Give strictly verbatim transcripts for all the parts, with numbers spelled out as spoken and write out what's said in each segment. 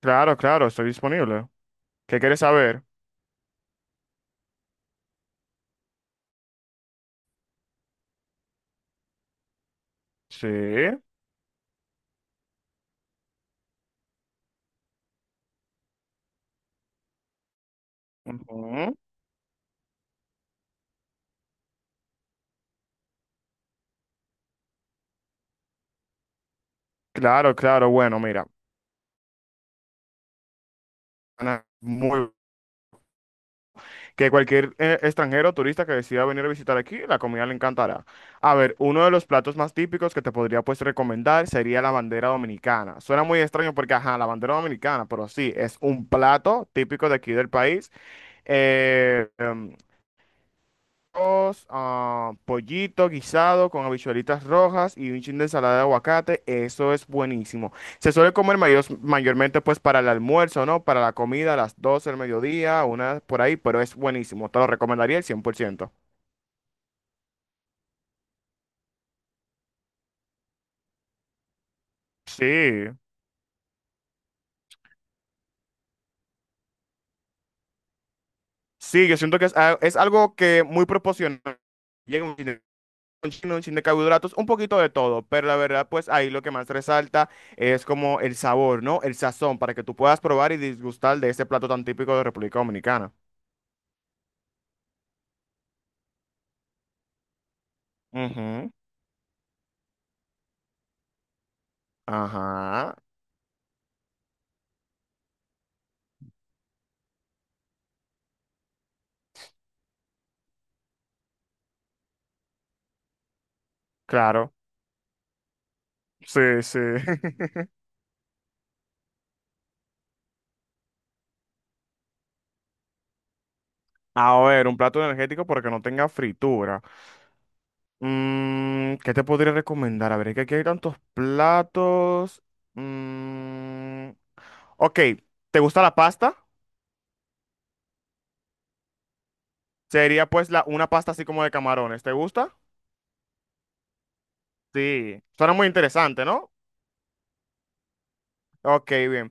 Claro, claro, estoy disponible. ¿Qué quieres saber? Sí. Ujú. Claro, claro, bueno, mira. Ana, muy- que cualquier eh, extranjero o turista que decida venir a visitar aquí, la comida le encantará. A ver, uno de los platos más típicos que te podría pues recomendar sería la bandera dominicana. Suena muy extraño porque, ajá, la bandera dominicana, pero sí, es un plato típico de aquí del país. Eh, em, Arroz, ah, pollito guisado con habichuelitas rojas y un chin de ensalada de aguacate. Eso es buenísimo. Se suele comer mayor- mayormente pues para el almuerzo, ¿no? Para la comida a las doce del mediodía, una por ahí, pero es buenísimo. Te lo recomendaría el cien por ciento. Sí, sí, yo siento que es, a- es algo que muy proporcional. Un chin, un chin de carbohidratos, un poquito de todo, pero la verdad, pues ahí lo que más resalta es como el sabor, ¿no? El sazón, para que tú puedas probar y disgustar de este plato tan típico de República Dominicana. Ujú, ajá, claro. Sí, sí. A ver, un plato energético porque no tenga fritura. Mm, ¿qué te podría recomendar? A ver, es que aquí hay tantos platos. Mm, ok, ¿te gusta la pasta? Sería pues la, una pasta así como de camarones. ¿Te gusta? Sí, suena muy interesante, ¿no? Ok, bien.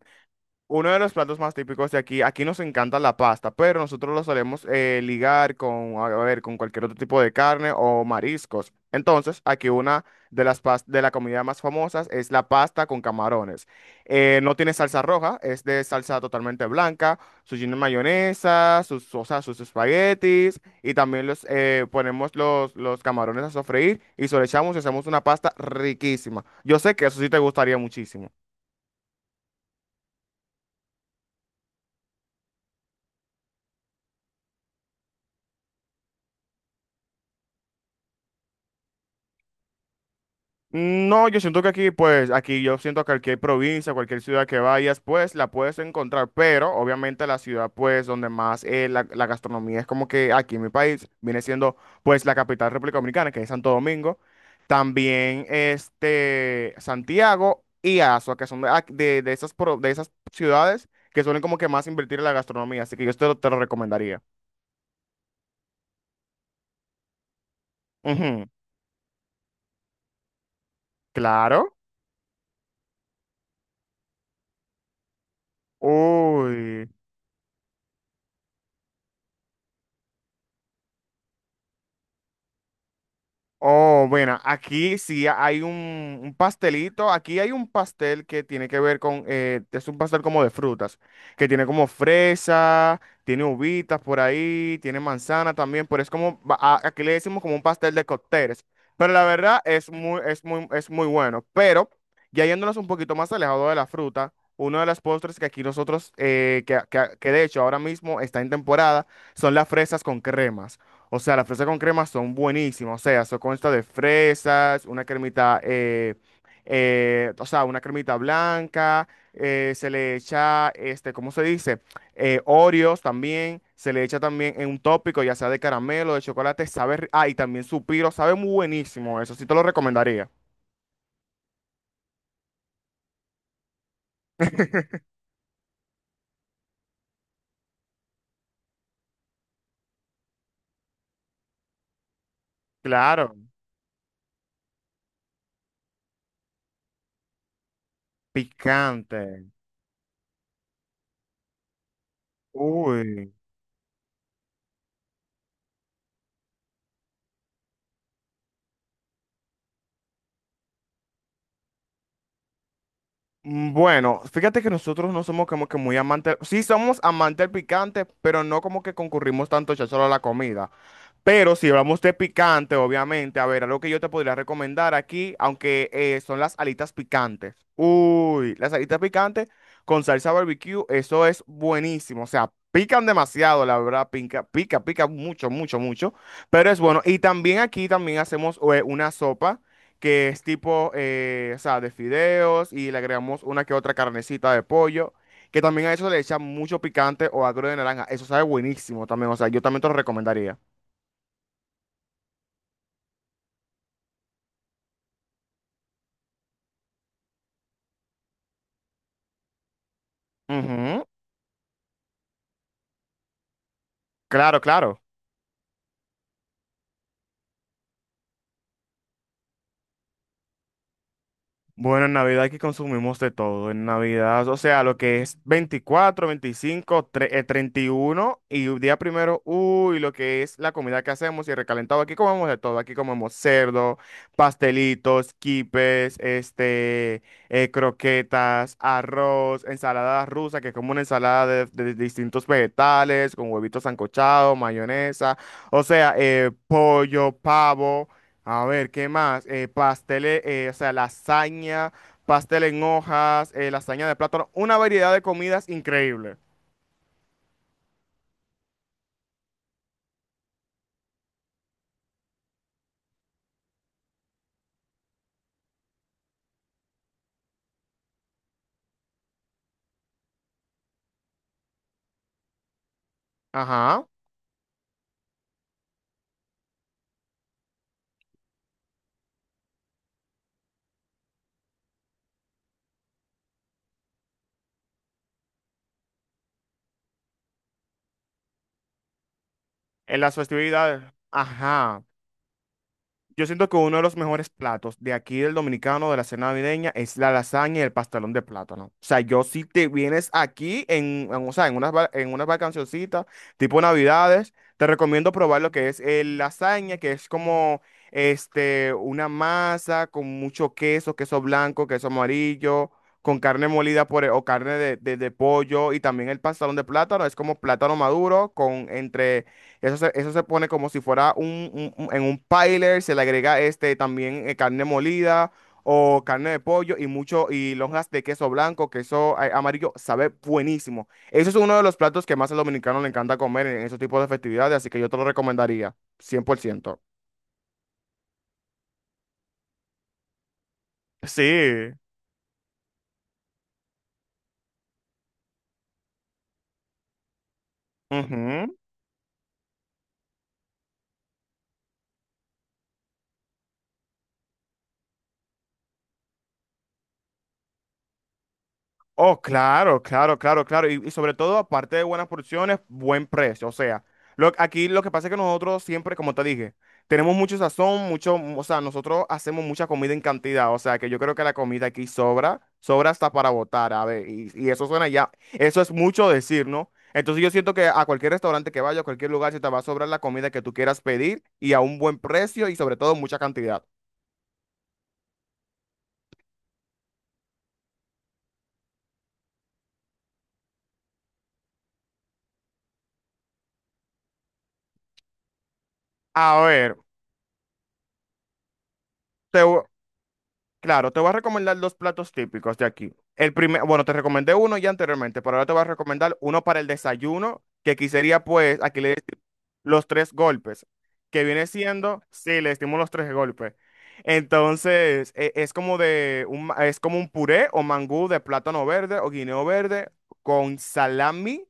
Uno de los platos más típicos de aquí, aquí nos encanta la pasta, pero nosotros lo solemos eh, ligar con, a ver, con cualquier otro tipo de carne o mariscos. Entonces, aquí una de las pas- de la comida más famosas es la pasta con camarones. Eh, no tiene salsa roja, es de salsa totalmente blanca, su lleno de mayonesa, sus, o sea, sus espaguetis y también los eh, ponemos los, los camarones a sofreír y se lo echamos y hacemos una pasta riquísima. Yo sé que eso sí te gustaría muchísimo. No, yo siento que aquí, pues, aquí yo siento que cualquier provincia, cualquier ciudad que vayas, pues, la puedes encontrar, pero obviamente la ciudad, pues, donde más eh, la, la gastronomía es como que aquí en mi país viene siendo, pues, la capital República Dominicana, que es Santo Domingo, también, este, Santiago y Azua, que son de, ac- de, de esas, pro- de esas ciudades que suelen como que más invertir en la gastronomía, así que yo te lo, te lo recomendaría. Ujú, claro. Uy. Oh, bueno, aquí sí hay un, un pastelito. Aquí hay un pastel que tiene que ver con, eh, es un pastel como de frutas, que tiene como fresa, tiene uvitas por ahí, tiene manzana también, pero es como, va- a- aquí le decimos como un pastel de cócteles. Pero la verdad es muy, es muy, es muy bueno. Pero ya yéndonos un poquito más alejado de la fruta, uno de los postres que aquí nosotros, eh, que, que que de hecho ahora mismo está en temporada, son las fresas con crema. O sea, las fresas con crema son buenísimas. O sea, eso consta de fresas, una cremita, eh, eh, o sea, una cremita blanca. Eh, se le echa, este, ¿cómo se dice? Eh, Oreos también. Se le echa también en un tópico, ya sea de caramelo, de chocolate. Sabe, ri- ah, y también su piro, sabe muy buenísimo. Eso sí te lo recomendaría. Claro, picante. Uy. Mm, bueno, fíjate que nosotros no somos como que muy amantes, sí somos amantes del picante, pero no como que concurrimos tanto ya solo a la comida. Pero si hablamos de picante, obviamente, a ver, algo que yo te podría recomendar aquí, aunque eh, son las alitas picantes. Uy, las alitas picantes con salsa barbecue, eso es buenísimo. O sea, pican demasiado, la verdad, pica, pica, pica mucho, mucho, mucho. Pero es bueno. Y también aquí también hacemos eh, una sopa que es tipo, eh, o sea, de fideos y le agregamos una que otra carnecita de pollo. Que también a eso le echan mucho picante o agro de naranja. Eso sabe buenísimo también. O sea, yo también te lo recomendaría. Ujú, claro, claro. Bueno, en Navidad aquí consumimos de todo. En Navidad, o sea, lo que es veinticuatro veinticinco tre- eh, treinta y uno y un día primero, uy, lo que es la comida que hacemos y el recalentado. Aquí comemos de todo. Aquí comemos cerdo, pastelitos, quipes, este, eh, croquetas, arroz, ensalada rusa, que es como una ensalada de, de distintos vegetales, con huevitos sancochados, mayonesa, o sea, eh, pollo, pavo. A ver, ¿qué más? Eh, pasteles, eh, eh, o sea, lasaña, pastel en hojas, eh, lasaña de plátano, una variedad de comidas increíble. Ajá. En las festividades. Ajá. Yo siento que uno de los mejores platos de aquí del dominicano de la cena navideña es la lasaña y el pastelón de plátano. O sea, yo si te vienes aquí en, en, o sea, en unas, va- en unas vacacioncitas, tipo Navidades, te recomiendo probar lo que es el lasaña, que es como este, una masa con mucho queso, queso blanco, queso amarillo, con carne molida por, e- o carne de, de, de pollo y también el pastelón de plátano, es como plátano maduro con entre... Eso se, eso se pone como si fuera un, un- un- en un piler, se le agrega este también eh, carne molida o carne de pollo y mucho y lonjas de queso blanco, queso eh, amarillo, sabe buenísimo. Eso es uno de los platos que más al dominicano le encanta comer en esos tipos de festividades, así que yo te lo recomendaría, cien por ciento. Sí. Ujú. Oh, claro, claro, claro, claro. Y, y sobre todo, aparte de buenas porciones, buen precio. O sea, lo, aquí lo que pasa es que nosotros siempre, como te dije, tenemos mucho sazón, mucho, o sea, nosotros hacemos mucha comida en cantidad. O sea, que yo creo que la comida aquí sobra, sobra hasta para botar, a ver. Y, y eso suena ya, eso es mucho decir, ¿no? Entonces yo siento que a cualquier restaurante que vaya, a cualquier lugar, se te va a sobrar la comida que tú quieras pedir y a un buen precio y sobre todo mucha cantidad. A ver, te, Claro, te voy a recomendar dos platos típicos de aquí. El primer, bueno, te recomendé uno ya anteriormente, pero ahora te voy a recomendar uno para el desayuno, que aquí sería pues, aquí le decimos los tres golpes, que viene siendo, sí, le decimos los tres golpes. Entonces, e- es como de un, ma- es como un puré o mangú de plátano verde o guineo verde con salami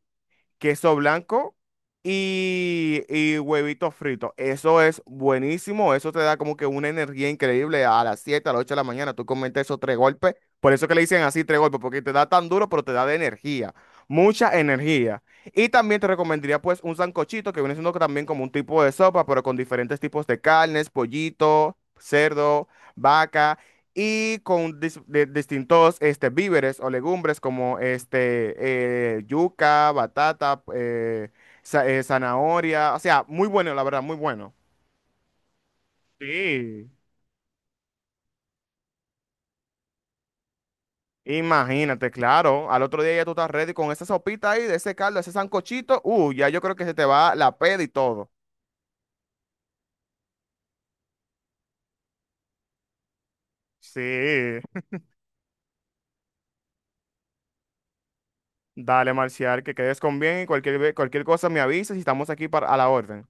queso blanco y, y huevitos fritos. Eso es buenísimo, eso te da como que una energía increíble a las siete a las ocho de la mañana. Tú comes esos tres golpes, por eso que le dicen así tres golpes, porque te da tan duro, pero te da de energía, mucha energía. Y también te recomendaría pues un sancochito que viene siendo también como un tipo de sopa, pero con diferentes tipos de carnes, pollito, cerdo, vaca y con dis- de- distintos este, víveres o legumbres como este, eh, yuca, batata, eh, za- eh, zanahoria, o sea, muy bueno, la verdad, muy bueno. Sí. Imagínate, claro, al otro día ya tú estás ready con esa sopita ahí, de ese caldo, ese sancochito, uh, ya yo creo que se te va la peda y todo. Sí. Dale, Marcial, que quedes con bien y cualquier, ve- cualquier cosa me avisas y estamos aquí para, a la orden.